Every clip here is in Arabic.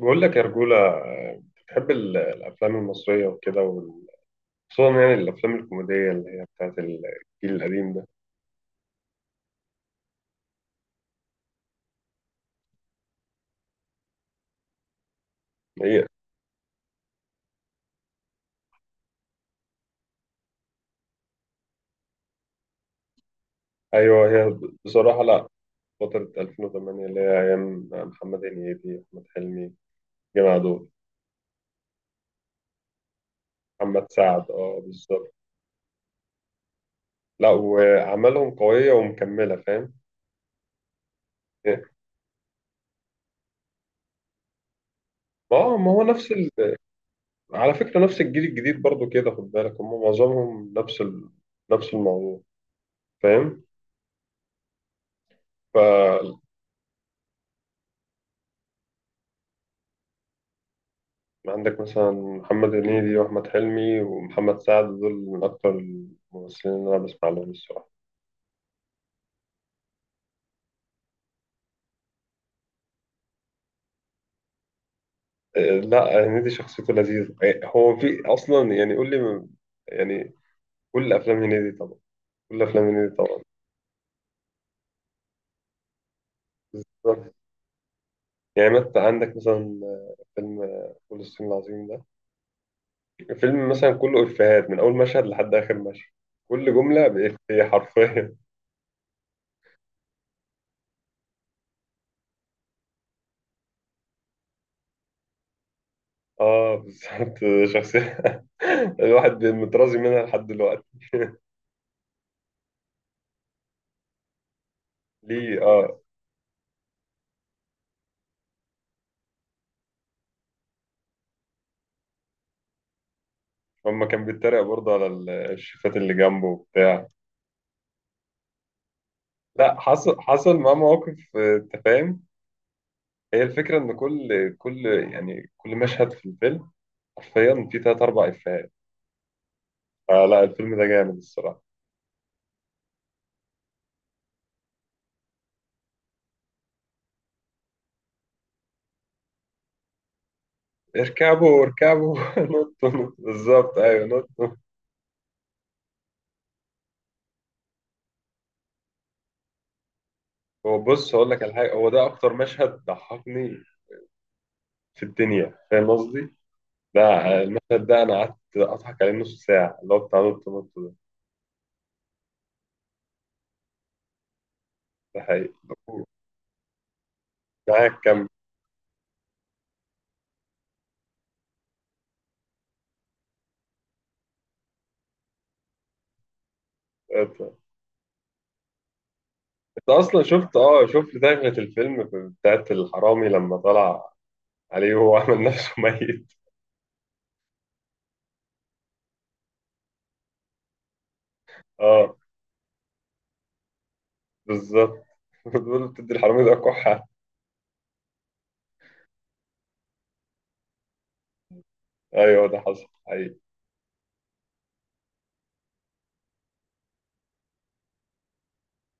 بقول لك يا رجولة، بتحب الأفلام المصرية وكده خصوصا يعني الأفلام الكوميدية اللي هي بتاعت الجيل القديم ده. هي أيوه، هي بصراحة لأ، فترة 2008 اللي هي أيام محمد هنيدي، أحمد حلمي، جماعة عدول، محمد سعد. أه بالظبط، لأ وأعمالهم قوية ومكملة، فاهم؟ إيه. ما هو نفس على فكرة نفس الجيل الجديد برضو كده، خد بالك هم معظمهم نفس نفس الموضوع، فاهم. ف عندك مثلا محمد هنيدي وأحمد حلمي ومحمد سعد، دول من أكتر الممثلين اللي أنا بسمع لهم الصراحة. إيه، لا هنيدي شخصيته لذيذة. إيه، هو في أصلا، يعني قول لي يعني. كل أفلام هنيدي طبعا كل أفلام هنيدي طبعا. بالظبط. يعني مثلا عندك مثلا فيلم فول الصين العظيم ده، الفيلم مثلا كله إفيهات من أول مشهد لحد آخر مشهد، كل جملة بإفيه حرفيا. اه بالظبط، شخصية الواحد مترازي منها لحد دلوقتي. ليه؟ اه، هما كان بيتريق برضه على الشيفات اللي جنبه وبتاع. لا، حصل معاه مواقف، انت فاهم. هي الفكرة ان كل يعني كل مشهد في الفيلم حرفيا فيه تلات أربع إفيهات. فلا، الفيلم ده جامد الصراحة. اركبوا اركبوا نطوا نطوا. بالظبط أيوه، نطوا. هو بص، هقول لك على حاجة، هو ده أكتر مشهد ضحكني في الدنيا، فاهم قصدي؟ ده، المشهد ده أنا قعدت أضحك عليه نص ساعة، اللي هو بتاع نط نط ده. ده حقيقي. معاك. كمل. انت اصلا شفت، اه شفت دخلة الفيلم بتاعت الحرامي لما طلع عليه وهو عمل نفسه ميت. اه بالظبط، بتقول له بتدي الحرامي ده كحة. ايوه، ده حصل حقيقي.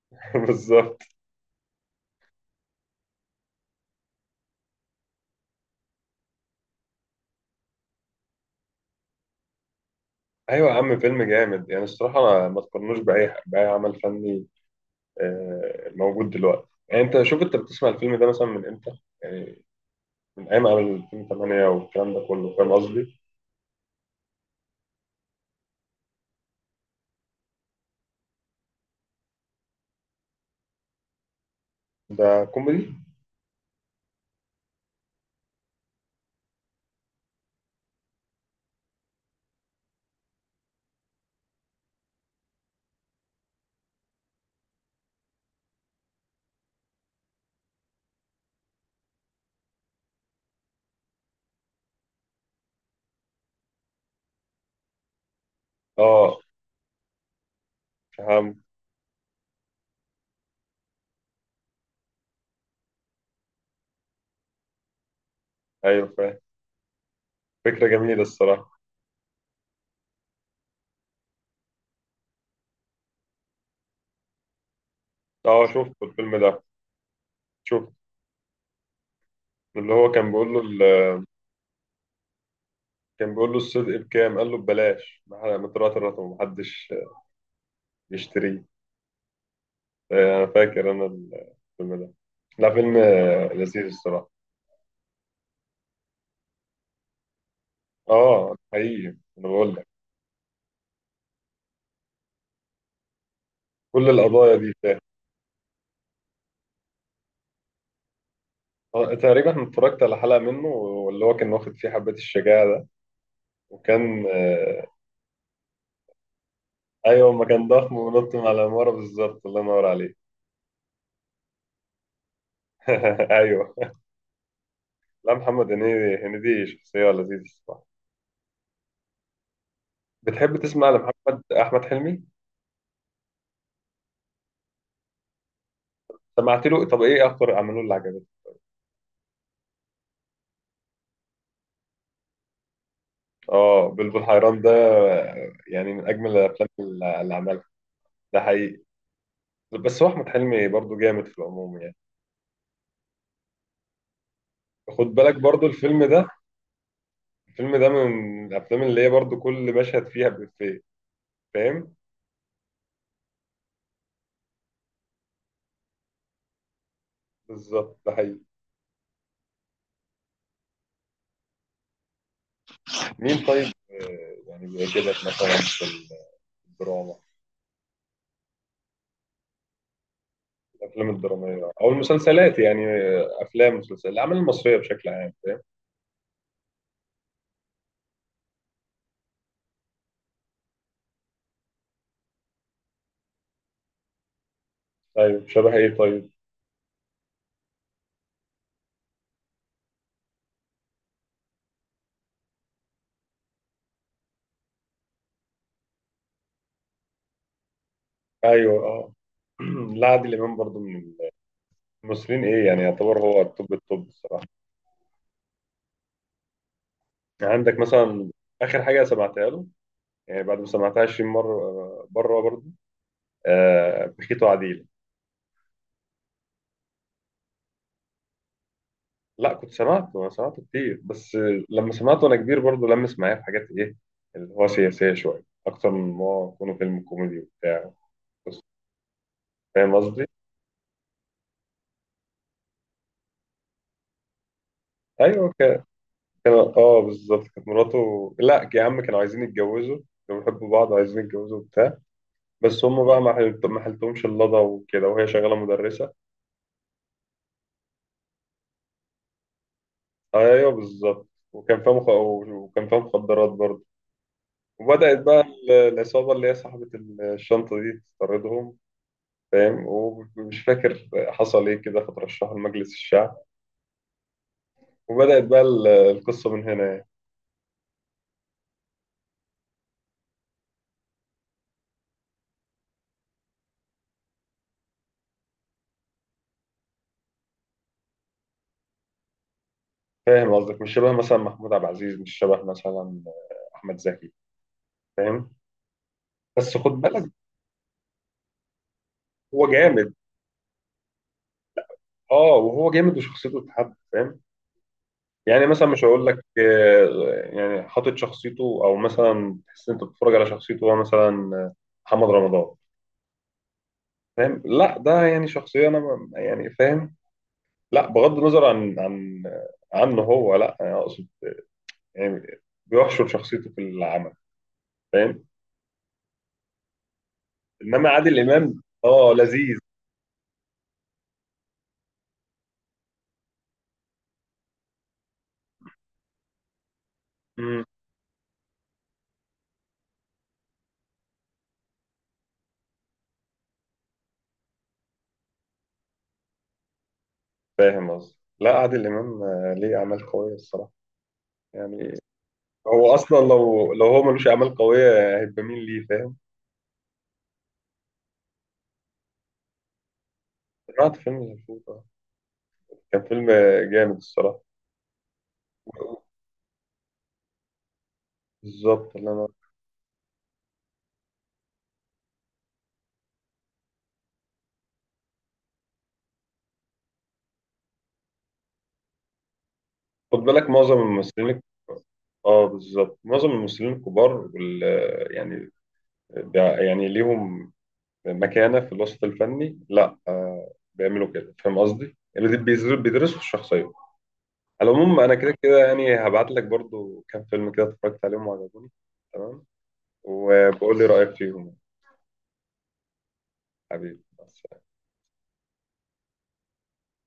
بالظبط. ايوه يا عم، فيلم جامد يعني الصراحة، ما تقارنوش بأي عمل فني موجود دلوقتي. يعني انت شوف، انت بتسمع الفيلم ده مثلا من امتى؟ يعني من ايام عمل 2008 والكلام ده كله، فاهم قصدي. ده كوميدي؟ اه فاهم. ايوه فاهم. فكرة جميلة الصراحة. اه شوف الفيلم ده، شوف اللي هو كان بيقول له كان بيقول له الصدق بكام، قال له ببلاش، مترات الرقم محدش يشتريه. انا فاكر انا الفيلم ده، لا فيلم لذيذ الصراحه. اه حقيقي. انا بقول لك كل القضايا دي، فاهم. تقريبا أنا اتفرجت على حلقه منه، واللي هو كان واخد فيه حبه الشجاعه ده، وكان ايوه، ما كان ضخم ونط من على العماره، بالظبط الله ينور عليه. ايوه. لا محمد هنيدي، هنيدي شخصيه لذيذه الصراحه. بتحب تسمع لمحمد احمد حلمي؟ سمعت له؟ طب ايه اكتر اعماله اللي عجبتك؟ اه بلبل حيران ده يعني من اجمل الافلام اللي عملها. ده حقيقي. بس هو احمد حلمي برضو جامد في العموم يعني. خد بالك برضو الفيلم ده، الفيلم ده من الافلام اللي هي برضو كل مشهد فيها بإفيه، فاهم. بالظبط، ده حقيقي. مين طيب؟ يعني بيعجبك مثلا في الدراما، الافلام الدراميه او المسلسلات يعني، افلام مسلسلات الاعمال المصريه بشكل عام. طيب شبه ايه طيب؟ ايوه اه. لا عادل امام برضو من مصريين ايه يعني، يعتبر هو التوب التوب الصراحه. يعني عندك مثلا اخر حاجه سمعتها له، يعني بعد ما سمعتها 20 مره، بره برضه، آه بخيت وعديل. لا كنت سمعته، انا سمعته كتير، بس لما سمعته وانا كبير برضه لمس معايا في حاجات ايه، اللي هو سياسيه شويه اكتر من ما هو يكون فيلم كوميدي وبتاع، بس. فاهم قصدي؟ ايوه كان. كان اه بالظبط، كانت مراته. لا يا عم، كانوا عايزين يتجوزوا، كانوا بيحبوا بعض وعايزين يتجوزوا وبتاع، بس هم بقى ما حلتهمش اللضا وكده، وهي شغاله مدرسه. ايوه بالظبط، وكان فيها وكان فيها مخدرات برضه، وبدأت بقى العصابة اللي هي صاحبة الشنطة دي تطاردهم، فاهم. ومش فاكر حصل ايه كده، فترشحوا لمجلس الشعب، وبدأت بقى القصة من هنا يعني. فاهم قصدك، مش شبه مثلا محمود عبد العزيز، مش شبه مثلا أحمد زكي، فاهم. بس خد بالك، هو جامد. اه وهو جامد، وشخصيته اتحب، فاهم. يعني مثلا مش هقول لك، يعني حاطط شخصيته، او مثلا تحس إن انت بتتفرج على شخصيته هو، مثلا محمد رمضان، فاهم. لا ده يعني شخصيه انا يعني فاهم. لا بغض النظر عن عنه هو، لا انا اقصد يعني بيحشر شخصيته في العمل، فاهم. انما عادل امام اه لذيذ. مم. فاهم قصدي. لا عادل امام ليه اعمال قويه الصراحه، يعني هو اصلا لو هو ملوش اعمال قويه هيبقى مين ليه، فاهم. سمعت فيلم الفوت، كان فيلم جامد الصراحة. بالظبط، اللي أنا. خد بالك معظم الممثلين، اه بالظبط، معظم الممثلين الكبار يعني بيع- يعني ليهم مكانة في الوسط الفني، لا آه بيعملوا كده، فاهم قصدي؟ يعني دي بيدرسوا الشخصية. على العموم أنا كده كده يعني هبعت لك برضو كام فيلم كده اتفرجت عليهم وعجبوني، تمام؟ وبقول لي رأيك فيهم. حبيبي.